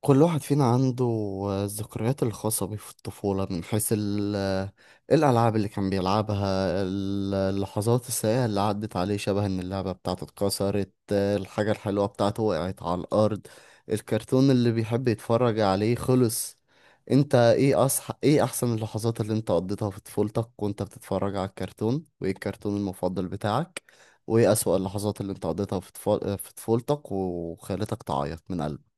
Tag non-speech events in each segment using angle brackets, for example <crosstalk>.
كل واحد فينا عنده الذكريات الخاصة بيه في الطفولة، من حيث الألعاب اللي كان بيلعبها، اللحظات السيئة اللي عدت عليه، شبه إن اللعبة بتاعته اتكسرت، الحاجة الحلوة بتاعته وقعت على الأرض، الكرتون اللي بيحب يتفرج عليه خلص. انت ايه أحسن اللحظات اللي انت قضيتها في طفولتك وانت بتتفرج على الكرتون، وايه الكرتون المفضل بتاعك، وايه أسوأ اللحظات اللي انت قضيتها في في طفولتك وخلتك تعيط من قلبك؟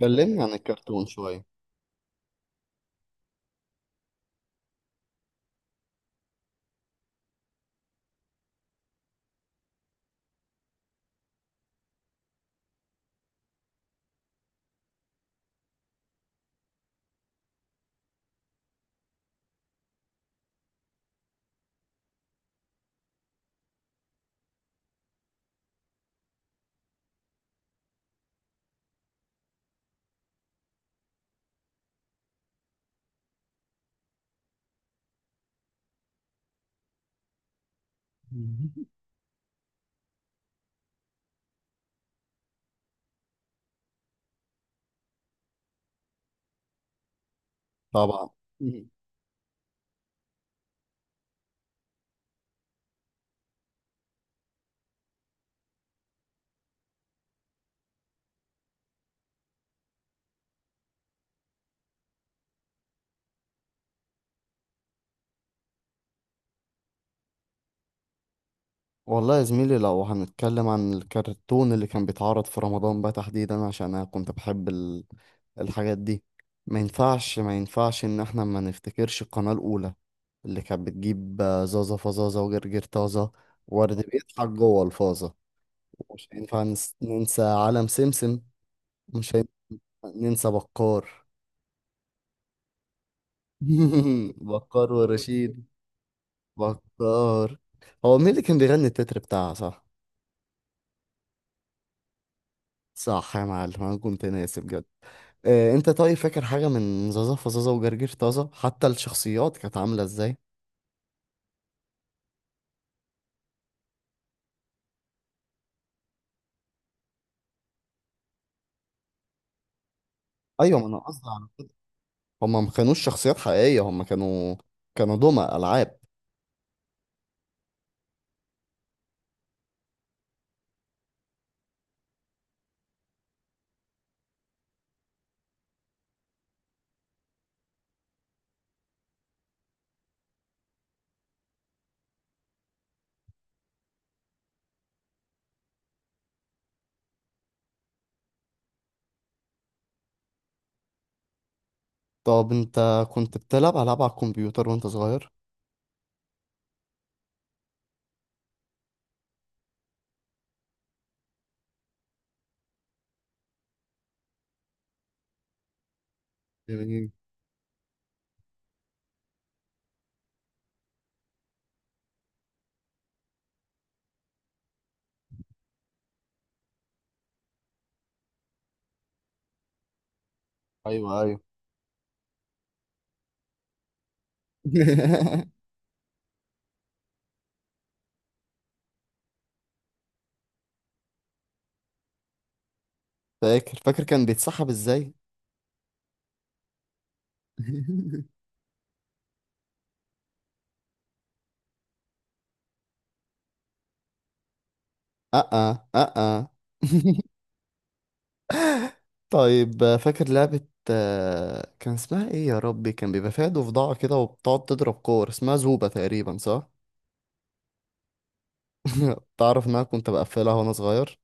كلمني عن الكرتون شوية. مهم. طبعا. مم. والله يا زميلي، لو هنتكلم عن الكرتون اللي كان بيتعرض في رمضان بقى تحديدا، عشان انا كنت بحب الحاجات دي، ما ينفعش ما ينفعش ان احنا ما نفتكرش القناة الاولى اللي كانت بتجيب زازا فزازا وجرجير طازة ورد بيضحك جوه الفازة. ومش هينفع ننسى عالم سمسم، مش هينفع ننسى بكار. <laughs> بكار ورشيد، بكار. هو مين اللي كان بيغني التتر بتاعها، صح؟ صح يا معلم، انا كنت ناسي بجد. انت طيب فاكر حاجه من زازا فزازا وجرجير طازه، حتى الشخصيات كانت عامله ازاي؟ ايوه، ما انا قصدي هما ما كانوش شخصيات حقيقيه، هما كانوا دمى العاب. طب انت كنت بتلعب العاب على الكمبيوتر وانت صغير؟ جميل. ايوه ايوه. <laughs> فاكر فاكر كان بيتسحب ازاي. <laughs> اه اه اه. <laughs> طيب فاكر لعبة كان اسمها ايه يا ربي، كان بيبقى فيها ضفدعة كده وبتقعد تضرب كور، اسمها زوبة تقريبا، صح؟ <laughs> تعرف ان انا كنت بقفلها وانا صغير؟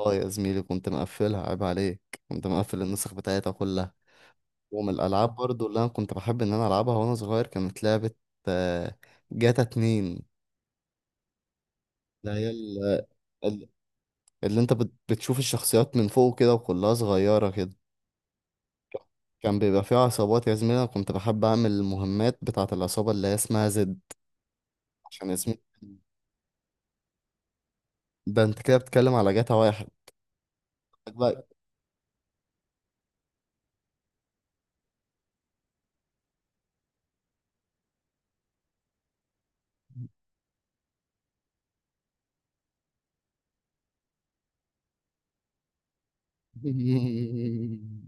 اه يا زميلي، كنت مقفلها، عيب عليك. كنت مقفل النسخ بتاعتها كلها. ومن الالعاب برضو اللي انا كنت بحب ان انا العبها وانا صغير، كانت لعبة آه، جاتا اتنين، اللي هي ال- اللي بتشوف الشخصيات من فوق كده وكلها صغيرة كده. كان بيبقى فيها عصابات يا زميلي، انا كنت بحب اعمل المهمات بتاعة العصابة اللي هي اسمها زد، عشان اسمه. ده انت كده بتتكلم على جاتا واحد. بقى- <laughs>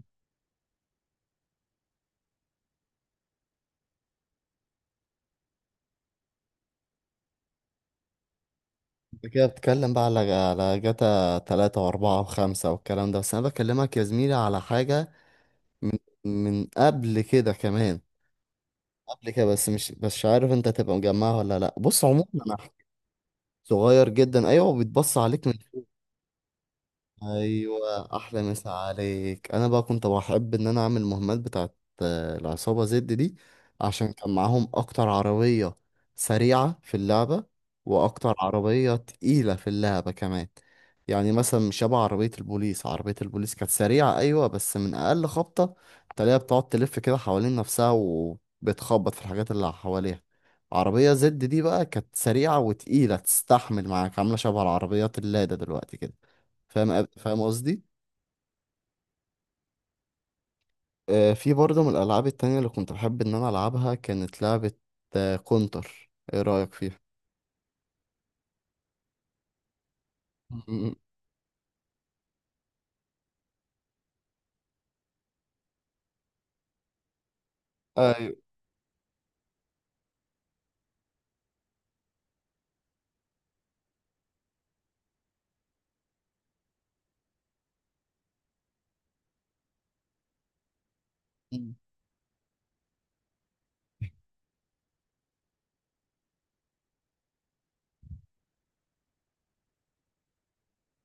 انت كده بتتكلم بقى على جاتا تلاتة واربعة وخمسة والكلام ده، بس انا بكلمك يا زميلي على حاجة من من قبل كده كمان. قبل كده، بس مش عارف انت تبقى مجمعها ولا لا. بص، عموما انا هحكي. صغير جدا ايوه، وبيتبص عليك من ايوه. احلى مسا عليك، انا بقى كنت بحب ان انا اعمل مهمات بتاعت العصابه زد دي، عشان كان معاهم اكتر عربيه سريعه في اللعبه، واكتر عربيه تقيله في اللعبه كمان. يعني مثلا مش شبه عربيه البوليس، عربيه البوليس كانت سريعه ايوه، بس من اقل خبطه تلاقيها بتقعد تلف كده حوالين نفسها وبتخبط في الحاجات اللي حواليها. عربيه زد دي بقى كانت سريعه وتقيله، تستحمل معاك، عامله شبه العربيات اللاده دلوقتي كده. فاهم، فاهم قصدي. في برضه من الألعاب التانية اللي كنت بحب إن أنا ألعبها، كانت لعبة كونتر، إيه رأيك فيها؟ م- أيوة. م.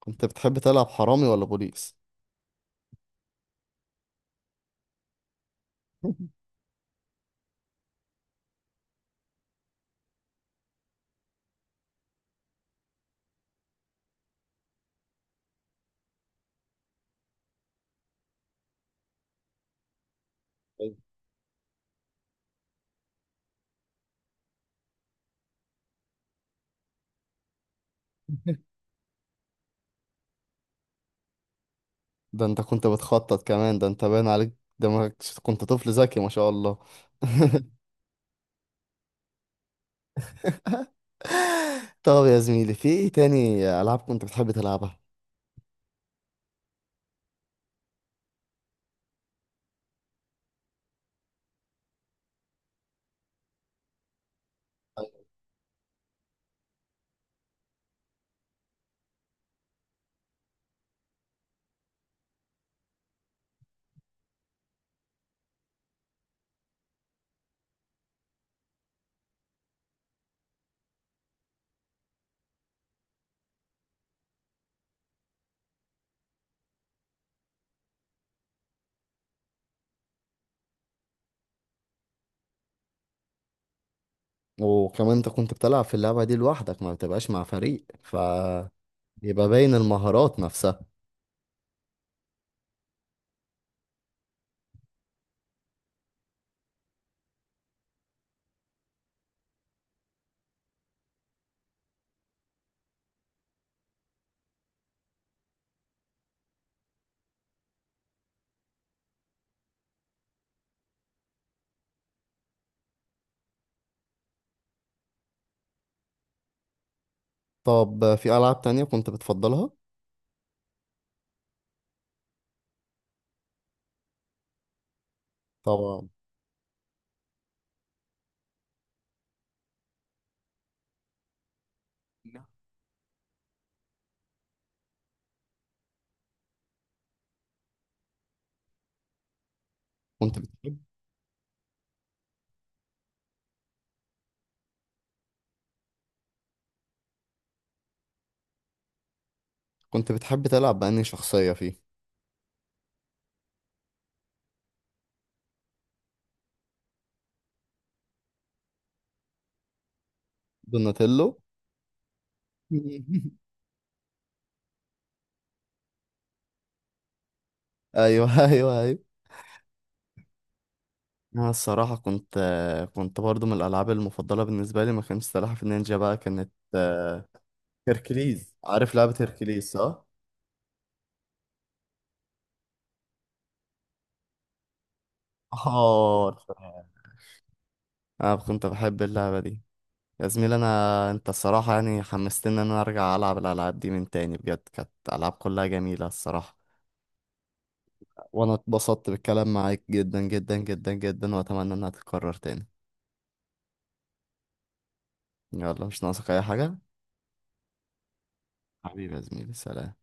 كنت بتحب تلعب حرامي ولا بوليس؟ <laughs> أيوة. ده أنت كنت بتخطط كمان، ده أنت باين عليك دماغك، كنت طفل ذكي ما شاء الله. <laughs> طب يا زميلي، في إيه تاني ألعاب كنت بتحب تلعبها؟ أيوة. وكمان أنت كنت بتلعب في اللعبة دي لوحدك، ما بتبقاش مع فريق فبيبقى باين المهارات نفسها. طب في ألعاب تانية كنت بتفضلها؟ طبعا. كنت بتحب كنت بتحب تلعب بأنهي شخصية فيه؟ دوناتيلو. <laughs> أيوه أيوه أيوه. أنا الصراحة كنت برضو من الألعاب المفضلة بالنسبة لي، ما كانتش سلاحف النينجا بقى، كانت هيركليز، عارف لعبة هيركليز، صح؟ آه. أنا كنت بحب اللعبة دي. يا زميلي، أنا أنت الصراحة يعني حمستني إن أنا أرجع ألعب الألعاب دي من تاني، بجد كانت ألعاب كلها جميلة الصراحة. وانا اتبسطت بالكلام معاك جدا جدا جدا جدا، واتمنى انها تتكرر تاني. يلا، مش ناقصك اي حاجة. حبيبي يا زميلي، سلام.